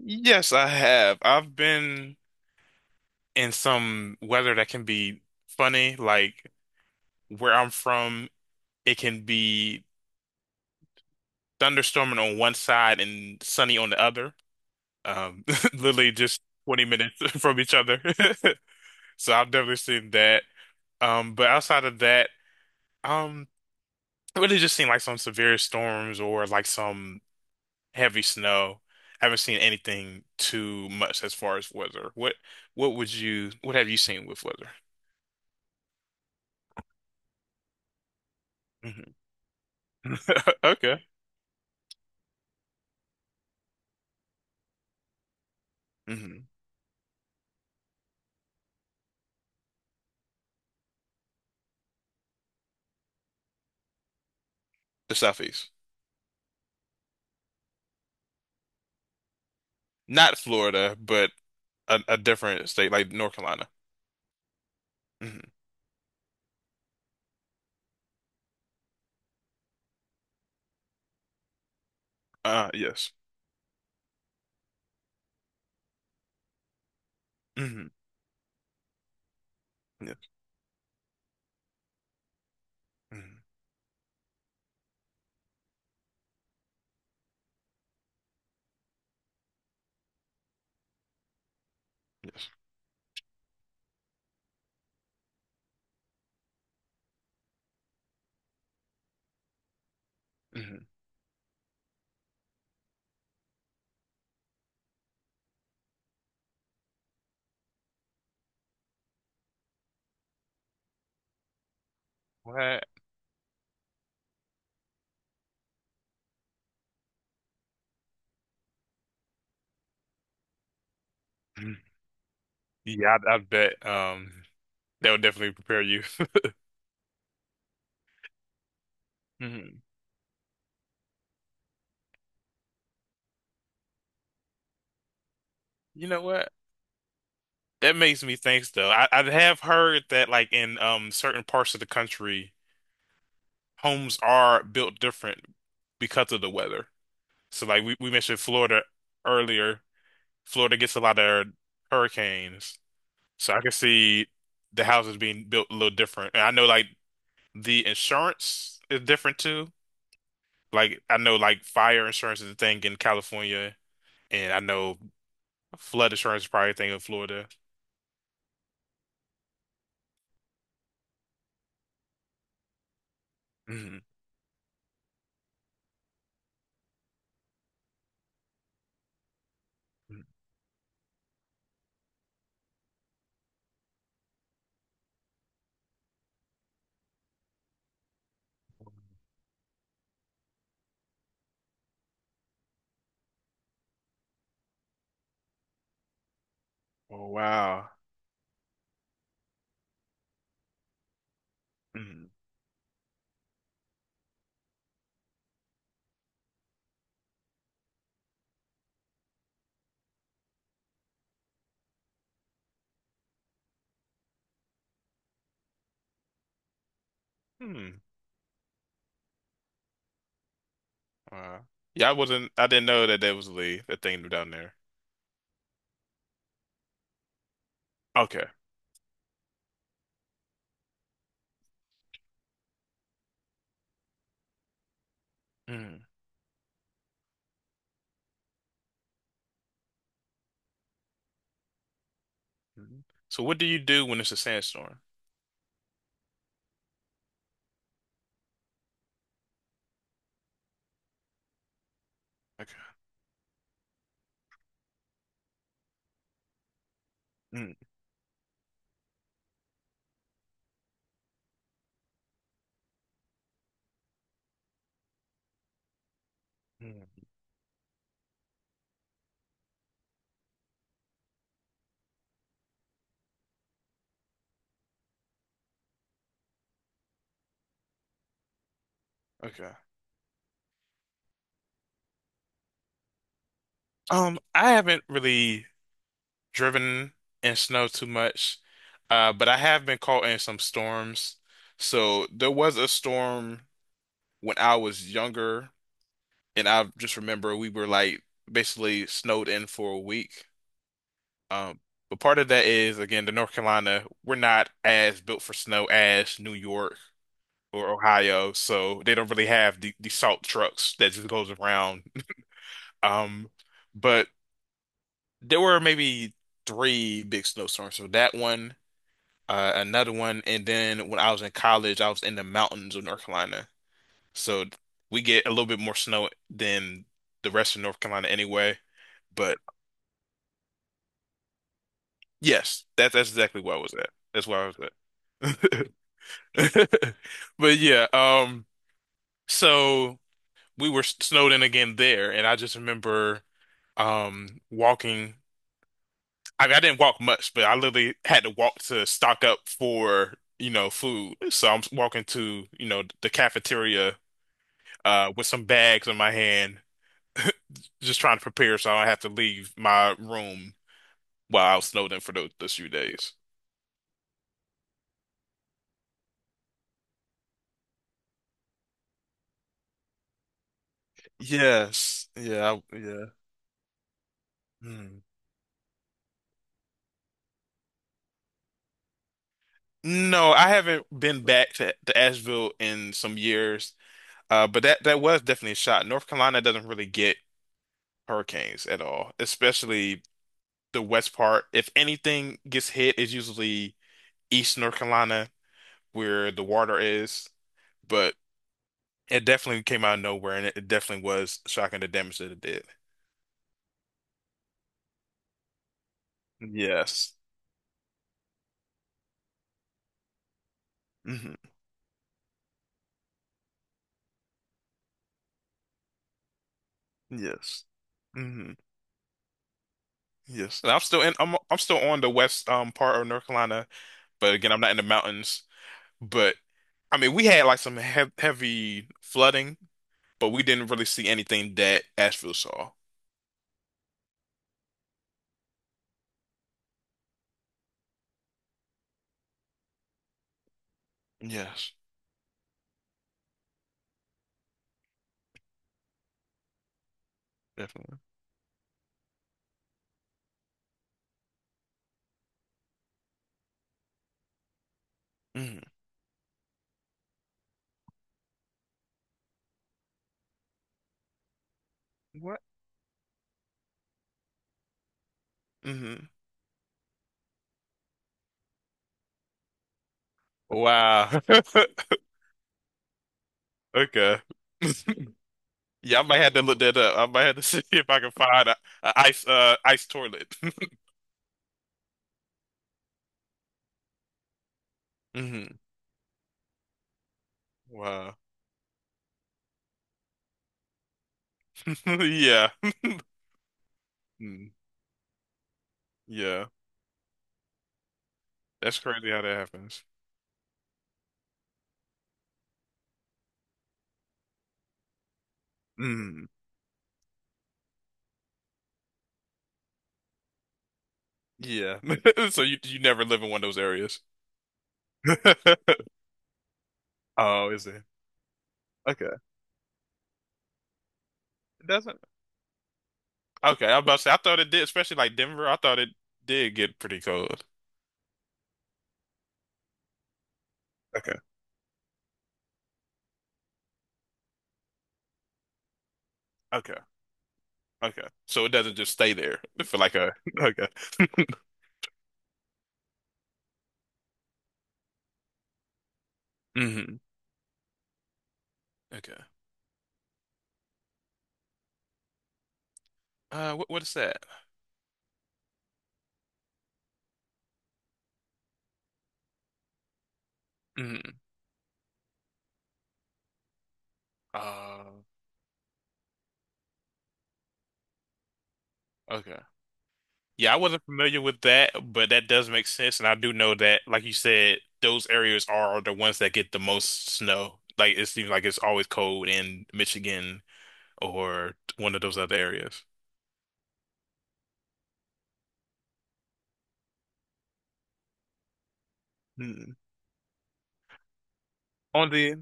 Yes, I have. I've been in some weather that can be funny. Like where I'm from, it can be thunderstorming on one side and sunny on the other. Um, literally just 20 minutes from each other. So I've definitely seen that. But outside of that, um, it really just seen like some severe storms or like some heavy snow. I haven't seen anything too much as far as weather. What have you seen with weather? Mm-hmm. Okay. hmm The Southeast. Not Florida, but a different state like North Carolina. hmm yes. hmm Yes. hmm Yes. hmm What? Mhm. Yeah, I bet that would definitely prepare you. hmm You know what? That makes me think though. I have heard that like in certain parts of the country, homes are built different because of the weather. So like we mentioned Florida earlier. Florida gets a lot of hurricanes. So I can see the houses being built a little different. And I know like the insurance is different too. Like I know like fire insurance is a thing in California, and I know flood insurance is probably a thing in Florida. Mhm. Oh wow. Mhm. Hmm. Wow. Yeah, I didn't know that that was the thing down there. Okay. Mhm. Mhm. So what do you do when it's a sandstorm? Okay. Mhm. Mhm. Okay. I haven't really driven in snow too much. But I have been caught in some storms. So there was a storm when I was younger, and I just remember we were like basically snowed in for a week. Um, but part of that is again the North Carolina, we're not as built for snow as New York or Ohio, so they don't really have the salt trucks that just goes around. Um, but there were maybe three big snowstorms. So that one. Another one, and then when I was in college, I was in the mountains of North Carolina, so we get a little bit more snow than the rest of North Carolina anyway. But yes, that's exactly where I was at. That's where I was at. But yeah, so we were snowed in again there, and I just remember walking. I mean, I didn't walk much, but I literally had to walk to stock up for, you know, food. So I'm walking to, you know, the cafeteria with some bags in my hand, just trying to prepare so I don't have to leave my room while I was snowed in for those few days. Yes. Yeah. Yeah. Hmm. No, I haven't been back to Asheville in some years. But that was definitely a shot. North Carolina doesn't really get hurricanes at all, especially the west part. If anything gets hit, it's usually East North Carolina where the water is. But It definitely came out of nowhere, and it definitely was shocking the damage that it did. Yes. hmm Yes. hmm Yes. And I'm still in. I'm still on the west part of North Carolina, but again, I'm not in the mountains. But I mean, we had like some he heavy flooding, but we didn't really see anything that Asheville saw. Yes, definitely. hmm What? hmm Wow. Okay. Yeah, I might have to look that up. I might have to see if I can find a ice ice toilet. hmm Wow. Yeah. Mm. Yeah. That's crazy how that happens. Mm. Yeah. So you never live in one of those areas. Oh, is it? Okay. It doesn't. Okay, I was about to say I thought it did, especially like Denver, I thought it did get pretty cold. Okay. Okay. Okay. So it doesn't just stay there for like a okay. hmm Okay. What is that? hmm Uh, okay. Yeah, I wasn't familiar with that, but that does make sense. And I do know that, like you said, those areas are the ones that get the most snow. Like it seems like it's always cold in Michigan or one of those other areas. Hmm. On the,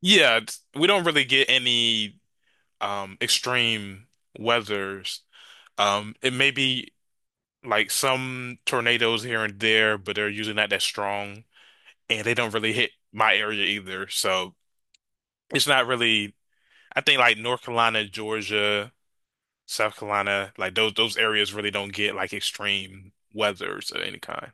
yeah, we don't really get any extreme weathers. It may be like some tornadoes here and there, but they're usually not that strong, and they don't really hit my area either. So it's not really. I think like North Carolina, Georgia, South Carolina, like those areas really don't get like extreme weathers of any kind.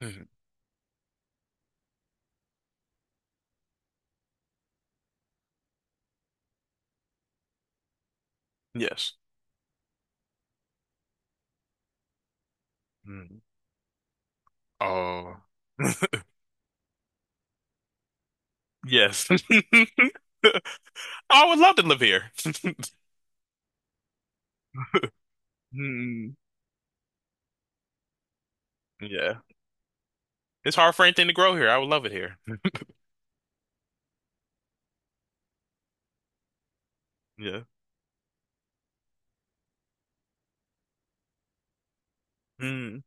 Mhm. Yes. Mm. Oh. Yes. I would love to live here. Mm. Yeah. It's hard for anything to grow here. I would love it here. Yeah. Mm.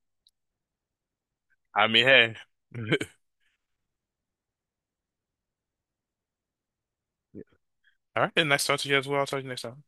I mean, hey. All right, then next time to you as well. I'll talk to you next time.